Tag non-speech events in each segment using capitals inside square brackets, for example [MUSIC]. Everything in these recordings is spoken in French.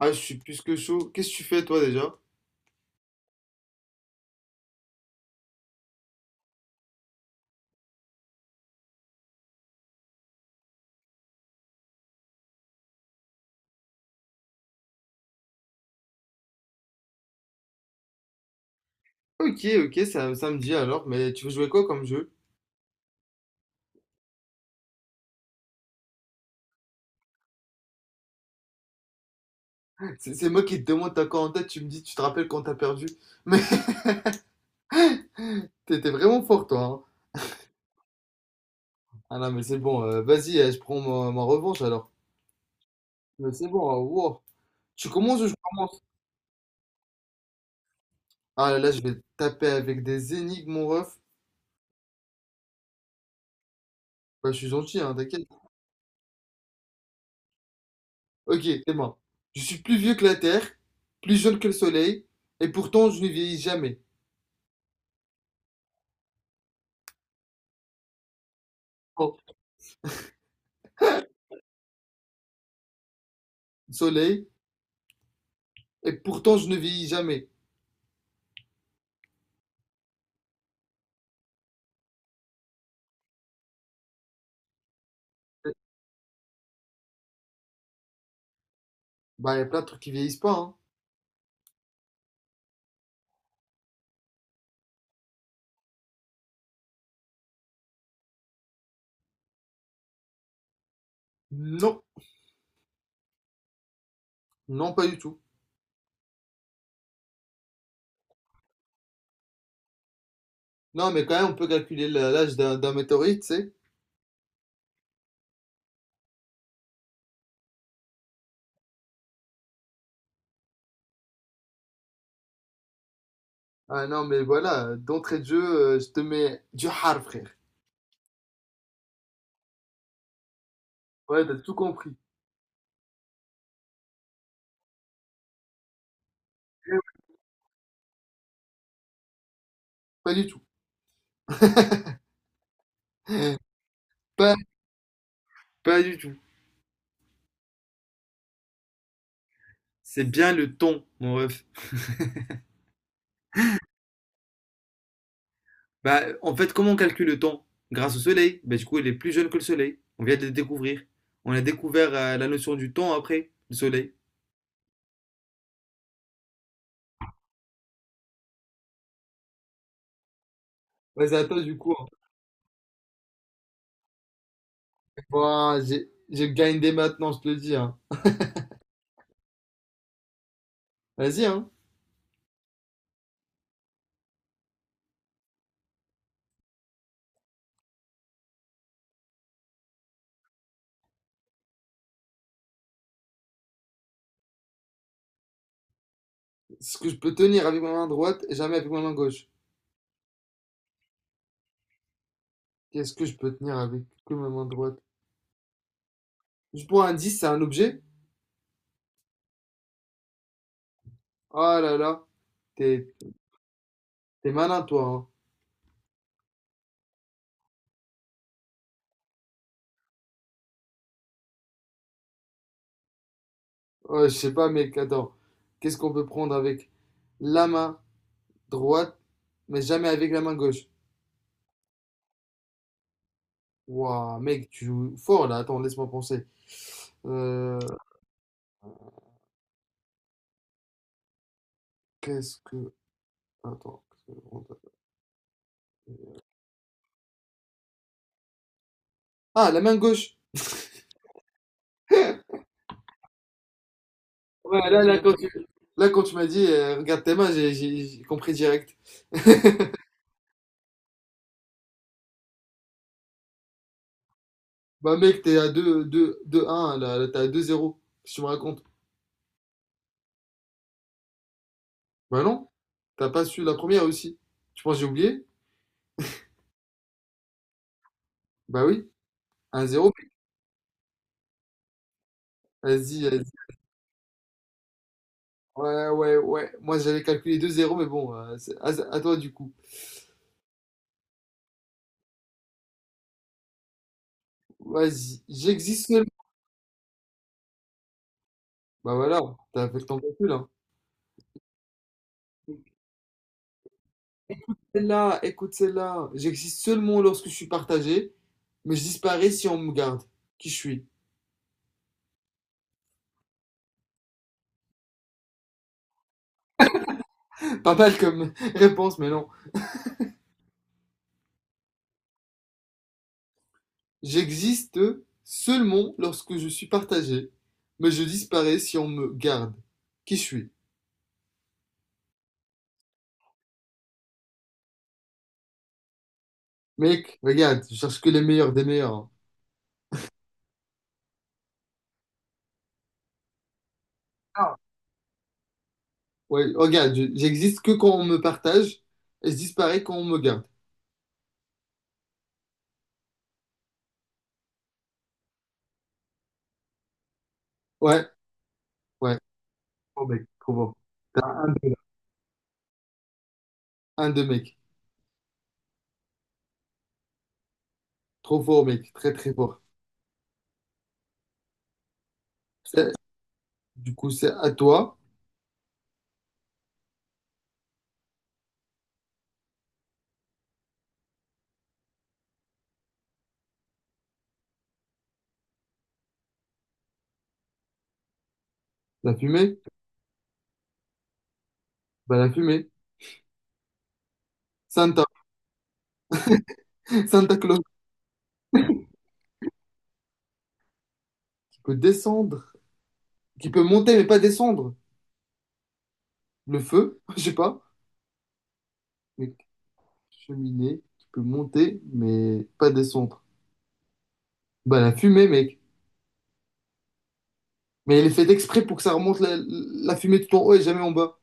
Ah, je suis plus que chaud. Qu'est-ce que tu fais toi déjà? Ok, ok, ça me dit alors, mais tu veux jouer quoi comme jeu? C'est moi qui te demande ta en tête, tu me dis, tu te rappelles quand t'as perdu. Mais [LAUGHS] t'étais vraiment fort toi, hein. Ah non, mais c'est bon, vas-y, je prends ma revanche alors. Mais c'est bon, wow. Tu commences ou je commence? Ah là, là, je vais te taper avec des énigmes, mon ref. Bah, je suis gentil, hein, t'inquiète. Ok, c'est bon. Je suis plus vieux que la Terre, plus jeune que le Soleil, et pourtant je ne vieillis jamais. Oh, soleil, et pourtant je ne vieillis jamais. Bah, il y a plein de trucs qui vieillissent pas, hein. Non. Non, pas du tout. Non, mais quand même, on peut calculer la- l'âge d'un météorite, tu sais. Ah non, mais voilà, d'entrée de jeu, je te mets du hard, frère. Ouais, t'as tout compris. Pas du tout. [LAUGHS] Pas, pas du tout. C'est bien le temps, mon ref. Bah, en fait, comment on calcule le temps? Grâce au soleil. Bah, du coup, il est plus jeune que le soleil. On vient de le découvrir. On a découvert la notion du temps après le soleil. Vas-y, à toi, du coup, hein. Bon, j'ai grindé maintenant, je te le dis, hein. Vas-y, hein. Ce que je peux tenir avec ma main droite et jamais avec ma main gauche. Qu'est-ce que je peux tenir avec que ma main droite? Je prends un 10, c'est un objet? Oh là là, t'es t'es malin toi, hein. Oh, je sais pas mec, attends. Qu'est-ce qu'on peut prendre avec la main droite, mais jamais avec la main gauche? Waouh, mec, tu joues fort là. Attends, laisse-moi penser. Euh, qu'est-ce que... Attends, qu'est-ce que... Ah, la main gauche! Ouais, là, là, là, quand tu m'as dit, regarde tes mains, j'ai compris direct. [LAUGHS] Bah mec, t'es à deux deux deux un là, là, t'es à 2-0. Qu'est-ce que tu me racontes? Bah non, t'as pas su la première aussi. Tu penses que j'ai oublié? Bah oui, un zéro. Vas-y, vas-y. Ouais, ouais, ouais. Moi j'avais calculé deux zéro mais bon, c'est à toi du coup. Vas-y, j'existe seulement. Bah voilà, t'as fait ton calcul, hein. Celle-là, écoute celle-là. J'existe seulement lorsque je suis partagé, mais je disparais si on me garde. Qui je suis? [LAUGHS] Pas mal comme [LAUGHS] réponse, mais non. J'existe seulement lorsque je suis partagé, mais je disparais si on me garde. Qui je suis? Mec, regarde, je cherche que les meilleurs des meilleurs. Ah. Ouais, regarde, j'existe que quand on me partage et je disparais quand on me garde. Ouais, ouais. Oh mec, trop fort. T'as un de, un de mec. Trop fort, mec. Très, très fort. C'est- Du coup, c'est à toi. La fumée? Bah, la fumée. Santa. Santa Claus qui peut descendre, qui peut monter mais pas descendre. Le feu? [LAUGHS] Je sais pas. Cheminée qui peut monter, mais pas descendre. Bah, la fumée, mec. Mais elle est faite exprès pour que ça remonte la fumée tout en haut et jamais en bas.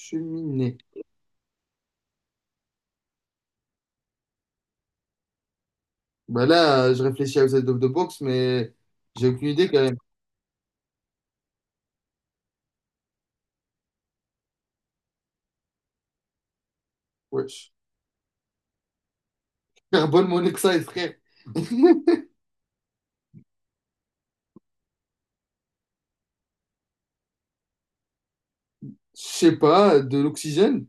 Cheminée. Bah là, je réfléchis à outside of the box, mais j'ai aucune idée quand même. Wesh. Carbone monoxyde, frère. Je sais pas, de l'oxygène?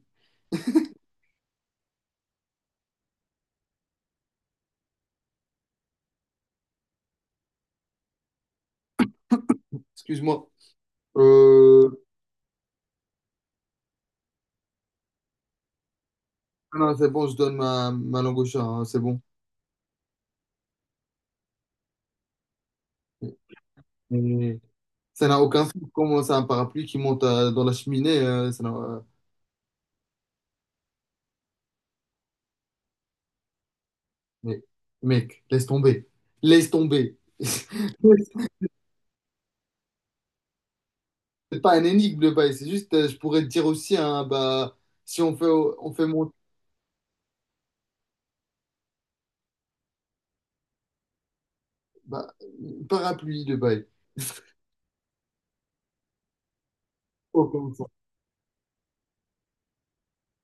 Excuse-moi. Euh... Non, c'est bon, je donne ma langue au chat, hein, c'est bon. Mais ça n'a aucun sens. Comment c'est un parapluie qui monte dans la cheminée? Ça n'a- Mais, mec, laisse tomber. Laisse tomber. [LAUGHS] C'est pas un énigme le bail, c'est juste, je pourrais te dire aussi, hein, bah, si on fait, on fait mon bah, parapluie le bail. [LAUGHS] Oh, comme ça.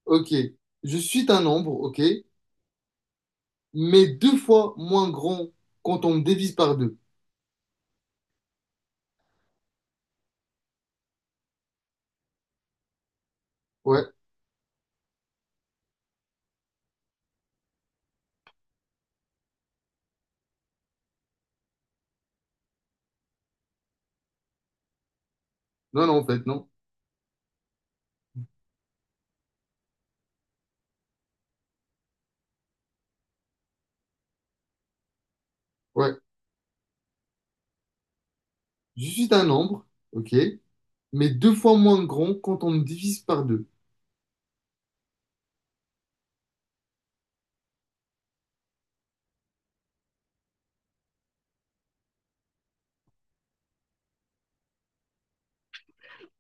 Ok, je suis un nombre, ok, mais deux fois moins grand quand on me divise par deux. Ouais, non, non, en fait, non. Ouais, je suis un nombre, ok, mais deux fois moins grand quand on me divise par deux.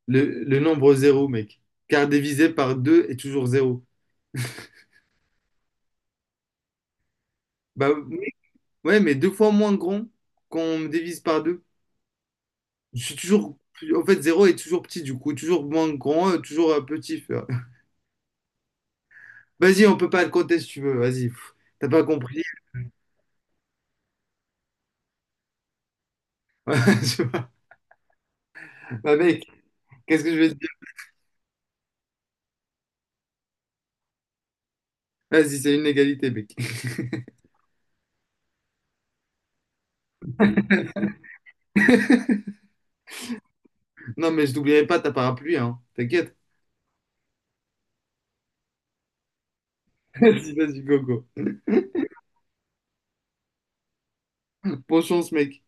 Le nombre zéro, mec. Car divisé par deux est toujours zéro. Bah, ouais, mais deux fois moins grand qu'on me divise par deux. Je suis toujours plus- En fait, zéro est toujours petit, du coup. Toujours moins grand, toujours petit, frère. [LAUGHS] Vas-y, on peut pas le compter si tu veux. Vas-y. Pff, t'as pas compris. [LAUGHS] Tu vois. Bah, mec, qu'est-ce que je vais te dire? Vas-y, c'est une égalité, mec. [LAUGHS] Non, mais je t'oublierai pas ta parapluie, hein. T'inquiète. [LAUGHS] Vas-y, vas-y, gogo. Bonne chance, mec.